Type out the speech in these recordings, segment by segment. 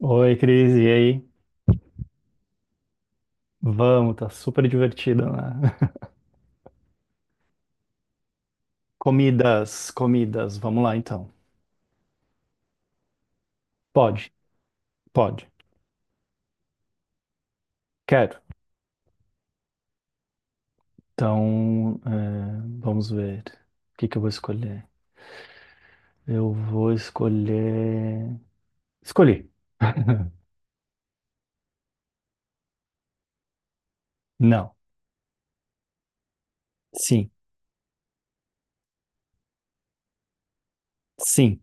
Oi, Cris, e aí? Vamos, tá super divertido, né? Comidas, comidas, vamos lá então. Pode, pode, quero. Então, vamos ver. O que que eu vou escolher? Eu vou escolher. Escolhi. Não. Sim. Sim.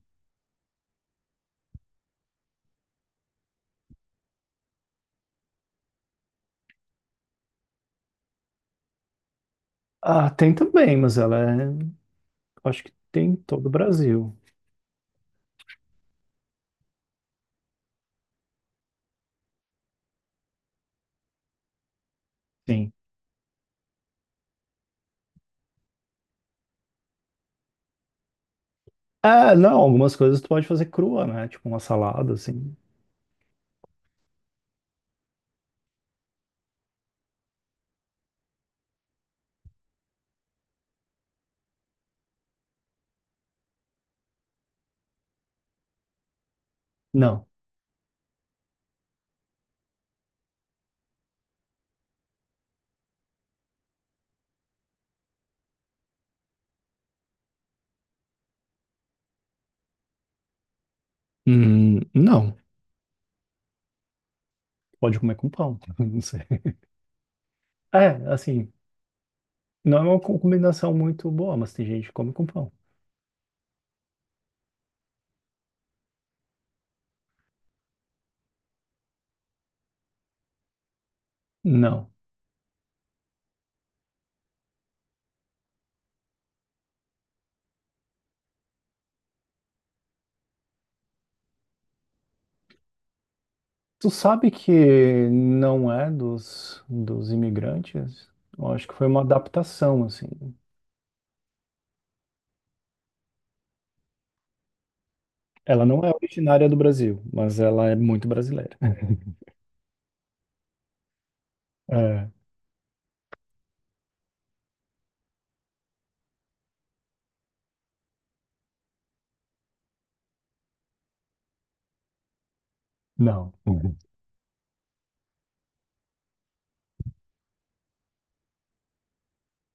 Ah, tem também, mas ela é. Acho que tem em todo o Brasil. Sim. Ah, não, algumas coisas tu pode fazer crua, né? Tipo uma salada, assim. Não. Não. Pode comer com pão. Não sei. É, assim. Não é uma combinação muito boa, mas tem gente que come com pão. Não. Tu sabe que não é dos imigrantes? Eu acho que foi uma adaptação, assim. Ela não é originária do Brasil, mas ela é muito brasileira. É, não. Uhum.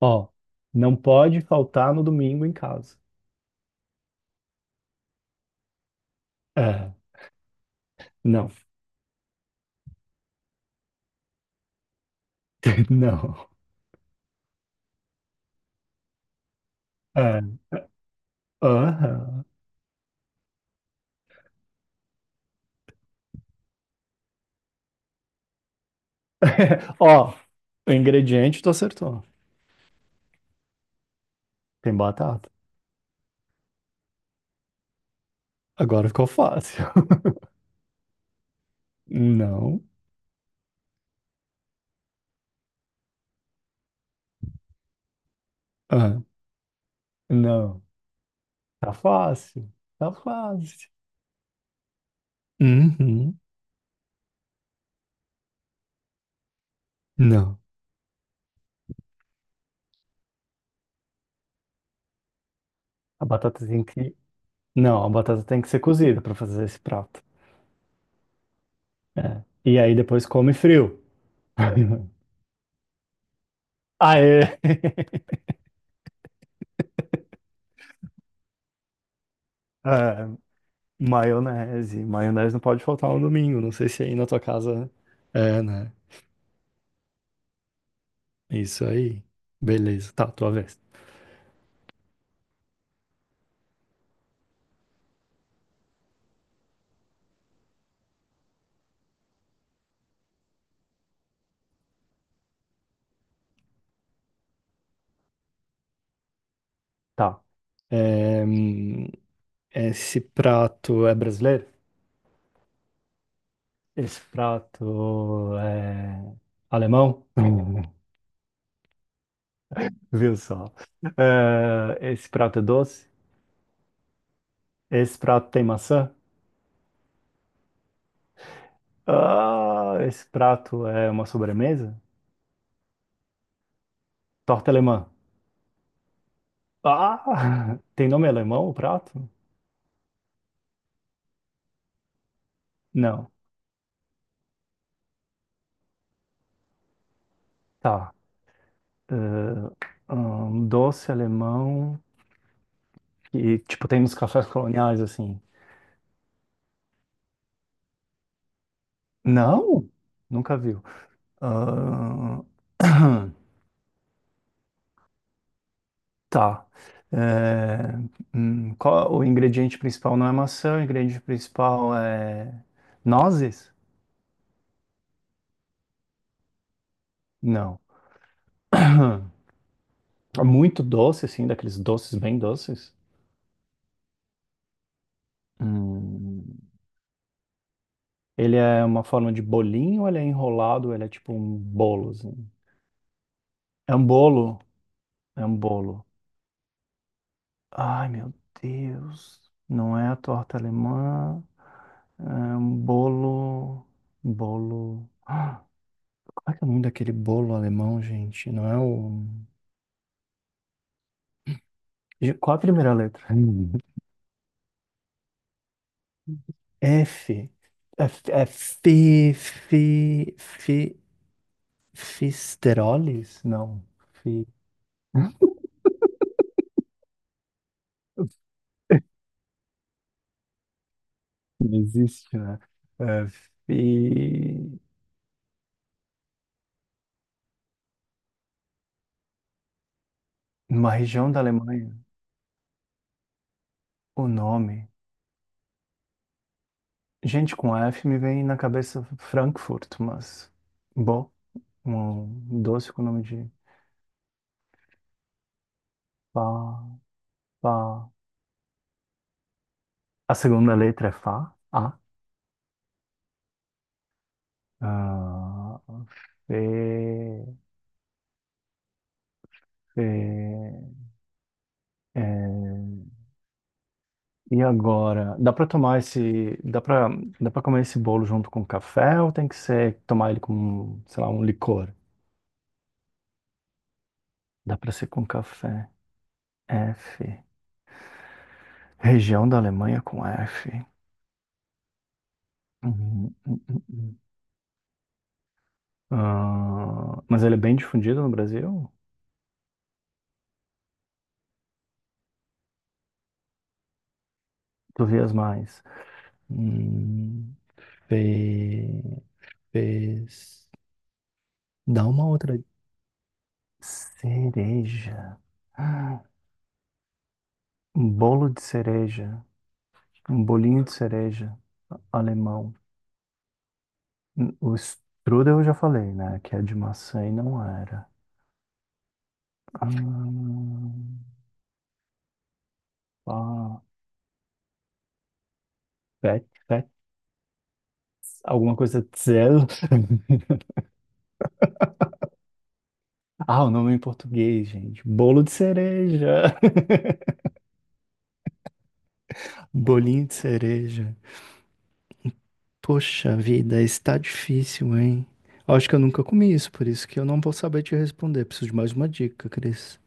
Ó, não pode faltar no domingo em casa. É, não. Não. É, aham. Ó, o ingrediente tu acertou. Tem batata. Agora ficou fácil. Não. Não, tá fácil, tá fácil. Uhum. Não, a batata tem que, não, a batata tem que ser cozida para fazer esse prato. É. E aí depois come frio. Aê, é, maionese. Maionese não pode faltar no domingo. Não sei se aí na tua casa é, né? Isso aí. Beleza, tá, tua vez. Tá. É, hum, esse prato é brasileiro? Esse prato é alemão? Viu só? Ah, esse prato é doce? Esse prato tem maçã? Ah, esse prato é uma sobremesa? Torta alemã. Ah, tem nome alemão o prato? Não. Tá. Doce alemão que, tipo, tem nos cafés coloniais, assim. Não? Nunca viu. Ah, tá. É, o ingrediente principal não é maçã, o ingrediente principal é nozes? Não. Muito doce, assim, daqueles doces bem doces. Hum, Ele é uma forma de bolinho, ou ele é enrolado, ou ele é tipo um bolo, assim. É um bolo? É um bolo. Ai, meu Deus. Não é a torta alemã. É um bolo. Bolo. Ah, qual é que é o nome daquele bolo alemão, gente? Não é o. Qual a primeira letra? Hum. F. F. É fisterolis? Não. Não existe, né? É, e numa região da Alemanha, o nome. Gente, com F me vem na cabeça Frankfurt, mas. Bom, um doce com o nome de Fá, Fá. A segunda letra é Fá, A. Ah, Fê, Fê. E agora, dá pra tomar esse, dá pra, dá para comer esse bolo junto com café ou tem que ser tomar ele com, sei lá, um licor? Dá pra ser com café. F. Região da Alemanha com F. Uhum, uhum, uhum. Ah, mas ele é bem difundido no Brasil? Tu vias mais. Hum, fe- fez. Dá uma outra. Cereja. Ah, um bolo de cereja. Um bolinho de cereja. Alemão. O strudel eu já falei, né? Que é de maçã e não era. Ah, ah, fet, fet, alguma coisa de Zell. Ah, o nome em português, gente. Bolo de cereja. Bolinho de cereja. Poxa vida, está difícil, hein? Acho que eu nunca comi isso, por isso que eu não vou saber te responder. Preciso de mais uma dica, Cris.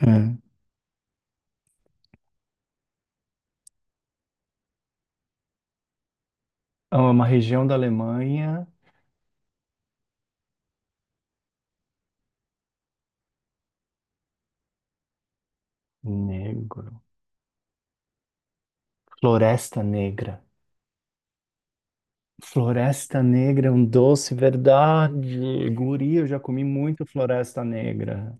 É. É uma região da Alemanha. Negro. Floresta Negra. Floresta Negra é um doce, verdade. Guri, eu já comi muito Floresta Negra.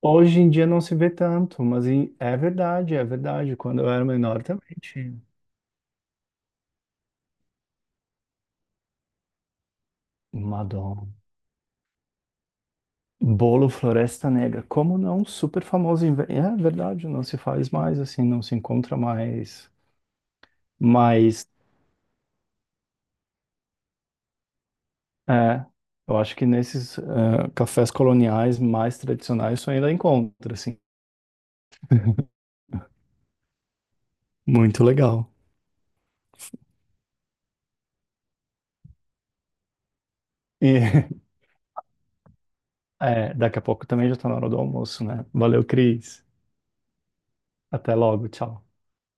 Hoje em dia não se vê tanto, mas é verdade, é verdade. Quando eu era menor também tinha. Madonna. Bolo Floresta Negra. Como não? Super famoso. É verdade, não se faz mais assim, não se encontra mais. Mas, é, eu acho que nesses cafés coloniais mais tradicionais isso ainda encontra, assim. Muito legal. E é, daqui a pouco também já tá na hora do almoço, né? Valeu, Cris. Até logo, tchau.